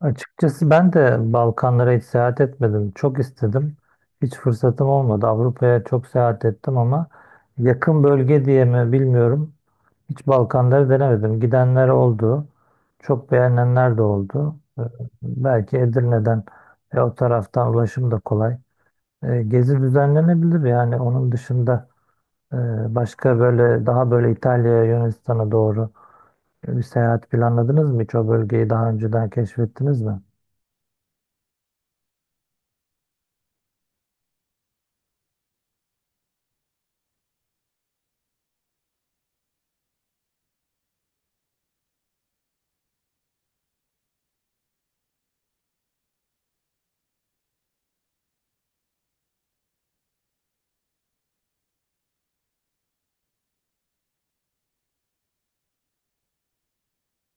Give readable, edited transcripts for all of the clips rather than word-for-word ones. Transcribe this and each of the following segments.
Açıkçası ben de Balkanlara hiç seyahat etmedim. Çok istedim. Hiç fırsatım olmadı. Avrupa'ya çok seyahat ettim ama yakın bölge diye mi bilmiyorum. Hiç Balkanları denemedim. Gidenler oldu. Çok beğenenler de oldu. Belki Edirne'den ve o taraftan ulaşım da kolay. Gezi düzenlenebilir yani. Onun dışında e, başka böyle daha böyle İtalya'ya, Yunanistan'a doğru bir seyahat planladınız mı? Hiç o bölgeyi daha önceden keşfettiniz mi?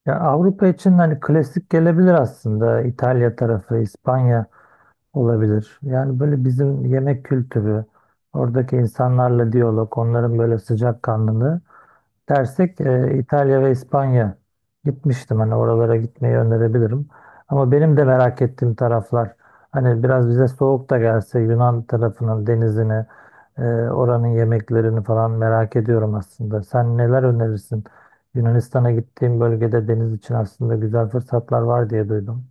Ya Avrupa için hani klasik gelebilir aslında. İtalya tarafı, İspanya olabilir. Yani böyle bizim yemek kültürü, oradaki insanlarla diyalog, onların böyle sıcakkanlılığı dersek İtalya ve İspanya gitmiştim. Hani oralara gitmeyi önerebilirim. Ama benim de merak ettiğim taraflar hani biraz bize soğuk da gelse Yunan tarafının denizini e, oranın yemeklerini falan merak ediyorum aslında. Sen neler önerirsin? Yunanistan'a gittiğim bölgede deniz için aslında güzel fırsatlar var diye duydum.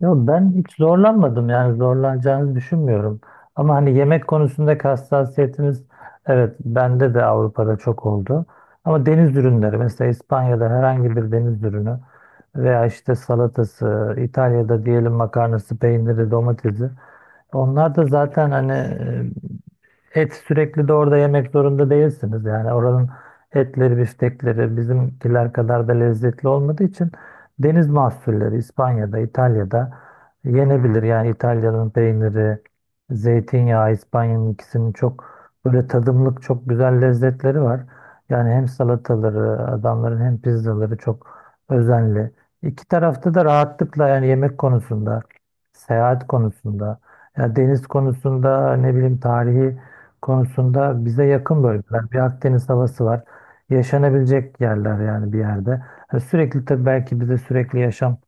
Yo, ben hiç zorlanmadım, yani zorlanacağınızı düşünmüyorum. Ama hani yemek konusundaki hassasiyetimiz, evet, bende de Avrupa'da çok oldu. Ama deniz ürünleri mesela İspanya'da herhangi bir deniz ürünü veya işte salatası, İtalya'da diyelim makarnası, peyniri, domatesi. Onlar da zaten hani et sürekli de orada yemek zorunda değilsiniz. Yani oranın etleri, biftekleri bizimkiler kadar da lezzetli olmadığı için deniz mahsulleri İspanya'da, İtalya'da yenebilir. Yani İtalya'nın peyniri, zeytinyağı, İspanya'nın ikisinin çok böyle tadımlık çok güzel lezzetleri var. Yani hem salataları adamların hem pizzaları çok özenli. İki tarafta da rahatlıkla yani yemek konusunda, seyahat konusunda, ya deniz konusunda, ne bileyim, tarihi konusunda bize yakın bölgeler. Bir Akdeniz havası var. Yaşanabilecek yerler yani bir yerde. Ha, sürekli tabii, belki bize sürekli yaşam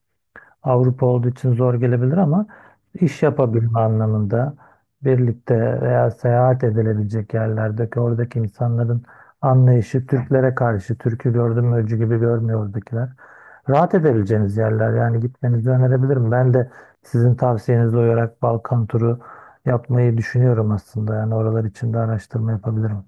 Avrupa olduğu için zor gelebilir ama iş yapabilme anlamında birlikte veya seyahat edilebilecek yerlerdeki oradaki insanların anlayışı Türklere karşı, Türk'ü gördüm öcü gibi görmüyor oradakiler. Rahat edebileceğiniz yerler, yani gitmenizi önerebilirim. Ben de sizin tavsiyenize uyarak Balkan turu yapmayı düşünüyorum aslında. Yani oralar için de araştırma yapabilirim.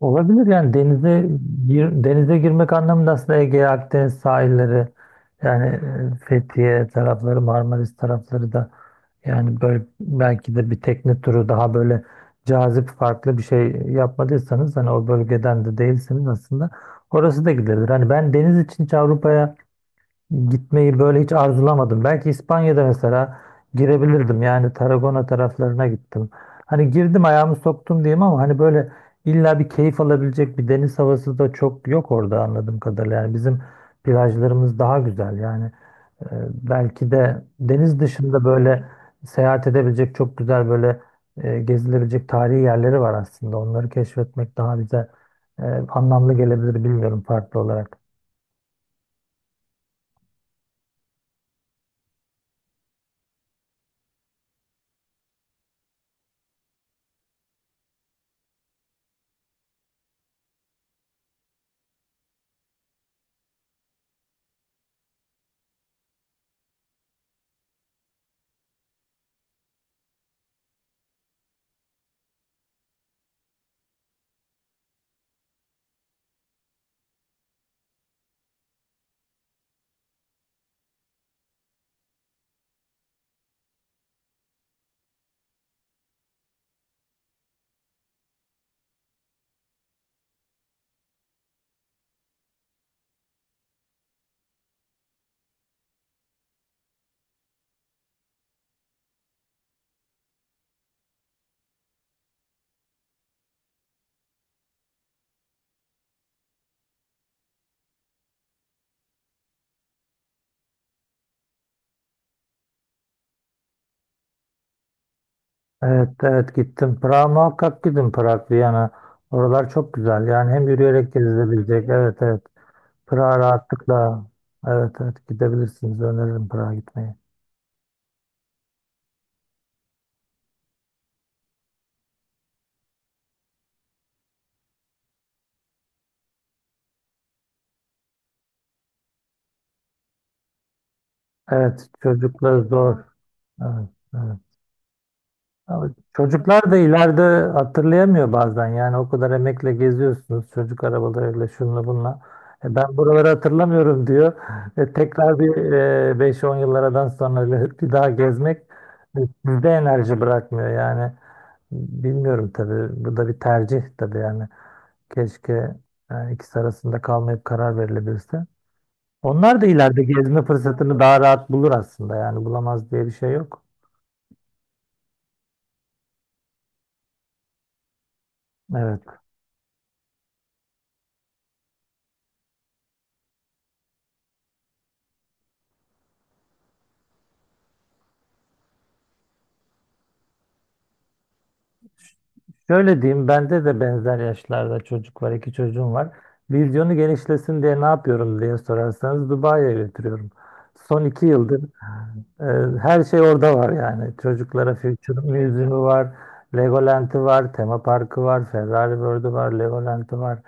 Olabilir, yani denize girmek anlamında aslında Ege, Akdeniz sahilleri, yani Fethiye tarafları, Marmaris tarafları da, yani böyle belki de bir tekne turu daha böyle cazip, farklı bir şey yapmadıysanız, hani o bölgeden de değilsiniz aslında, orası da gidilebilir. Hani ben deniz için hiç Avrupa'ya gitmeyi böyle hiç arzulamadım. Belki İspanya'da mesela girebilirdim. Yani Tarragona taraflarına gittim. Hani girdim, ayağımı soktum diyeyim, ama hani böyle illa bir keyif alabilecek bir deniz havası da çok yok orada anladığım kadarıyla. Yani bizim plajlarımız daha güzel. Yani e, belki de deniz dışında böyle seyahat edebilecek çok güzel böyle gezilebilecek tarihi yerleri var aslında. Onları keşfetmek daha bize e, anlamlı gelebilir bilmiyorum, farklı olarak. Evet, evet, gittim. Prag'a muhakkak gidin. Prag, Viyana. Oralar çok güzel. Yani hem yürüyerek gezilebilecek. Evet, evet. Prag'a rahatlıkla. Evet, evet, gidebilirsiniz. Öneririm Prag'a gitmeyi. Evet, çocuklar zor. Evet, evet. Ama çocuklar da ileride hatırlayamıyor bazen. Yani o kadar emekle geziyorsunuz. Çocuk arabalarıyla şunla bunla. E, ben buraları hatırlamıyorum diyor. Tekrar bir 5-10 yıllardan sonra öyle bir daha gezmek e, sizde enerji bırakmıyor yani. Bilmiyorum tabii. Bu da bir tercih tabii yani. Keşke, yani ikisi arasında kalmayıp karar verilebilse. Onlar da ileride gezme fırsatını daha rahat bulur aslında. Yani bulamaz diye bir şey yok. Evet. Şöyle diyeyim, bende de benzer yaşlarda çocuk var, 2 çocuğum var. Vizyonu genişlesin diye ne yapıyorum diye sorarsanız, Dubai'ye götürüyorum. Son 2 yıldır her şey orada var yani. Çocuklara Future Museum'u var, Legoland'ı var, tema parkı var, Ferrari World'u var, Legoland'ı var.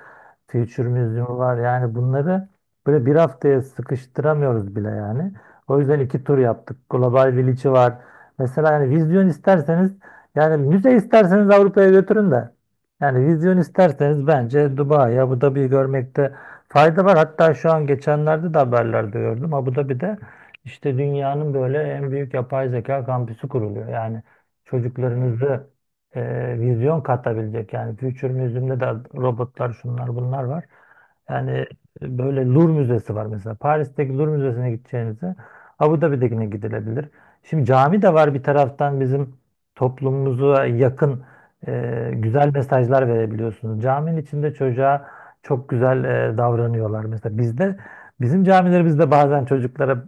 Future Museum var. Yani bunları böyle bir haftaya sıkıştıramıyoruz bile yani. O yüzden 2 tur yaptık. Global Village'i var. Mesela yani vizyon isterseniz, yani müze isterseniz Avrupa'ya götürün de. Yani vizyon isterseniz bence Dubai, Abu Dhabi'yi görmekte fayda var. Hatta şu an geçenlerde de haberlerde gördüm. Abu Dhabi'de işte dünyanın böyle en büyük yapay zeka kampüsü kuruluyor. Yani çocuklarınızı vizyon katabilecek. Yani Future Museum'da da robotlar, şunlar bunlar var. Yani böyle Louvre Müzesi var mesela. Paris'teki Louvre Müzesi'ne gideceğinize Abu Dhabi'dekine gidilebilir. Şimdi cami de var bir taraftan, bizim toplumumuza yakın güzel mesajlar verebiliyorsunuz. Caminin içinde çocuğa çok güzel davranıyorlar. Mesela bizde, bizim camilerimizde bazen çocuklara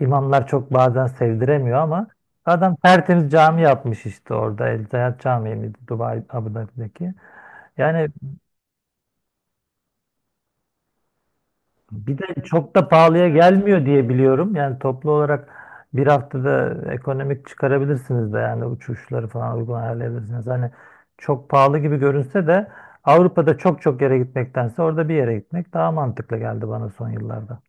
İmamlar çok bazen sevdiremiyor ama adam tertemiz cami yapmış işte orada. El Zayat Camii miydi Dubai Abu Dhabi'deki? Yani bir de çok da pahalıya gelmiyor diye biliyorum. Yani toplu olarak bir haftada ekonomik çıkarabilirsiniz de, yani uçuşları falan uygun ayarlayabilirsiniz. Hani çok pahalı gibi görünse de Avrupa'da çok çok yere gitmektense orada bir yere gitmek daha mantıklı geldi bana son yıllarda.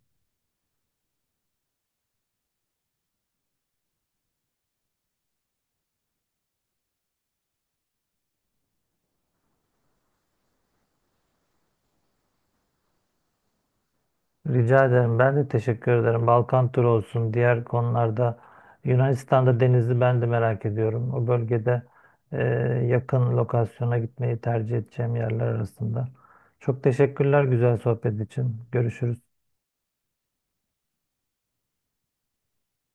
Rica ederim. Ben de teşekkür ederim. Balkan turu olsun. Diğer konularda Yunanistan'da denizi ben de merak ediyorum. O bölgede e, yakın lokasyona gitmeyi tercih edeceğim yerler arasında. Çok teşekkürler güzel sohbet için. Görüşürüz.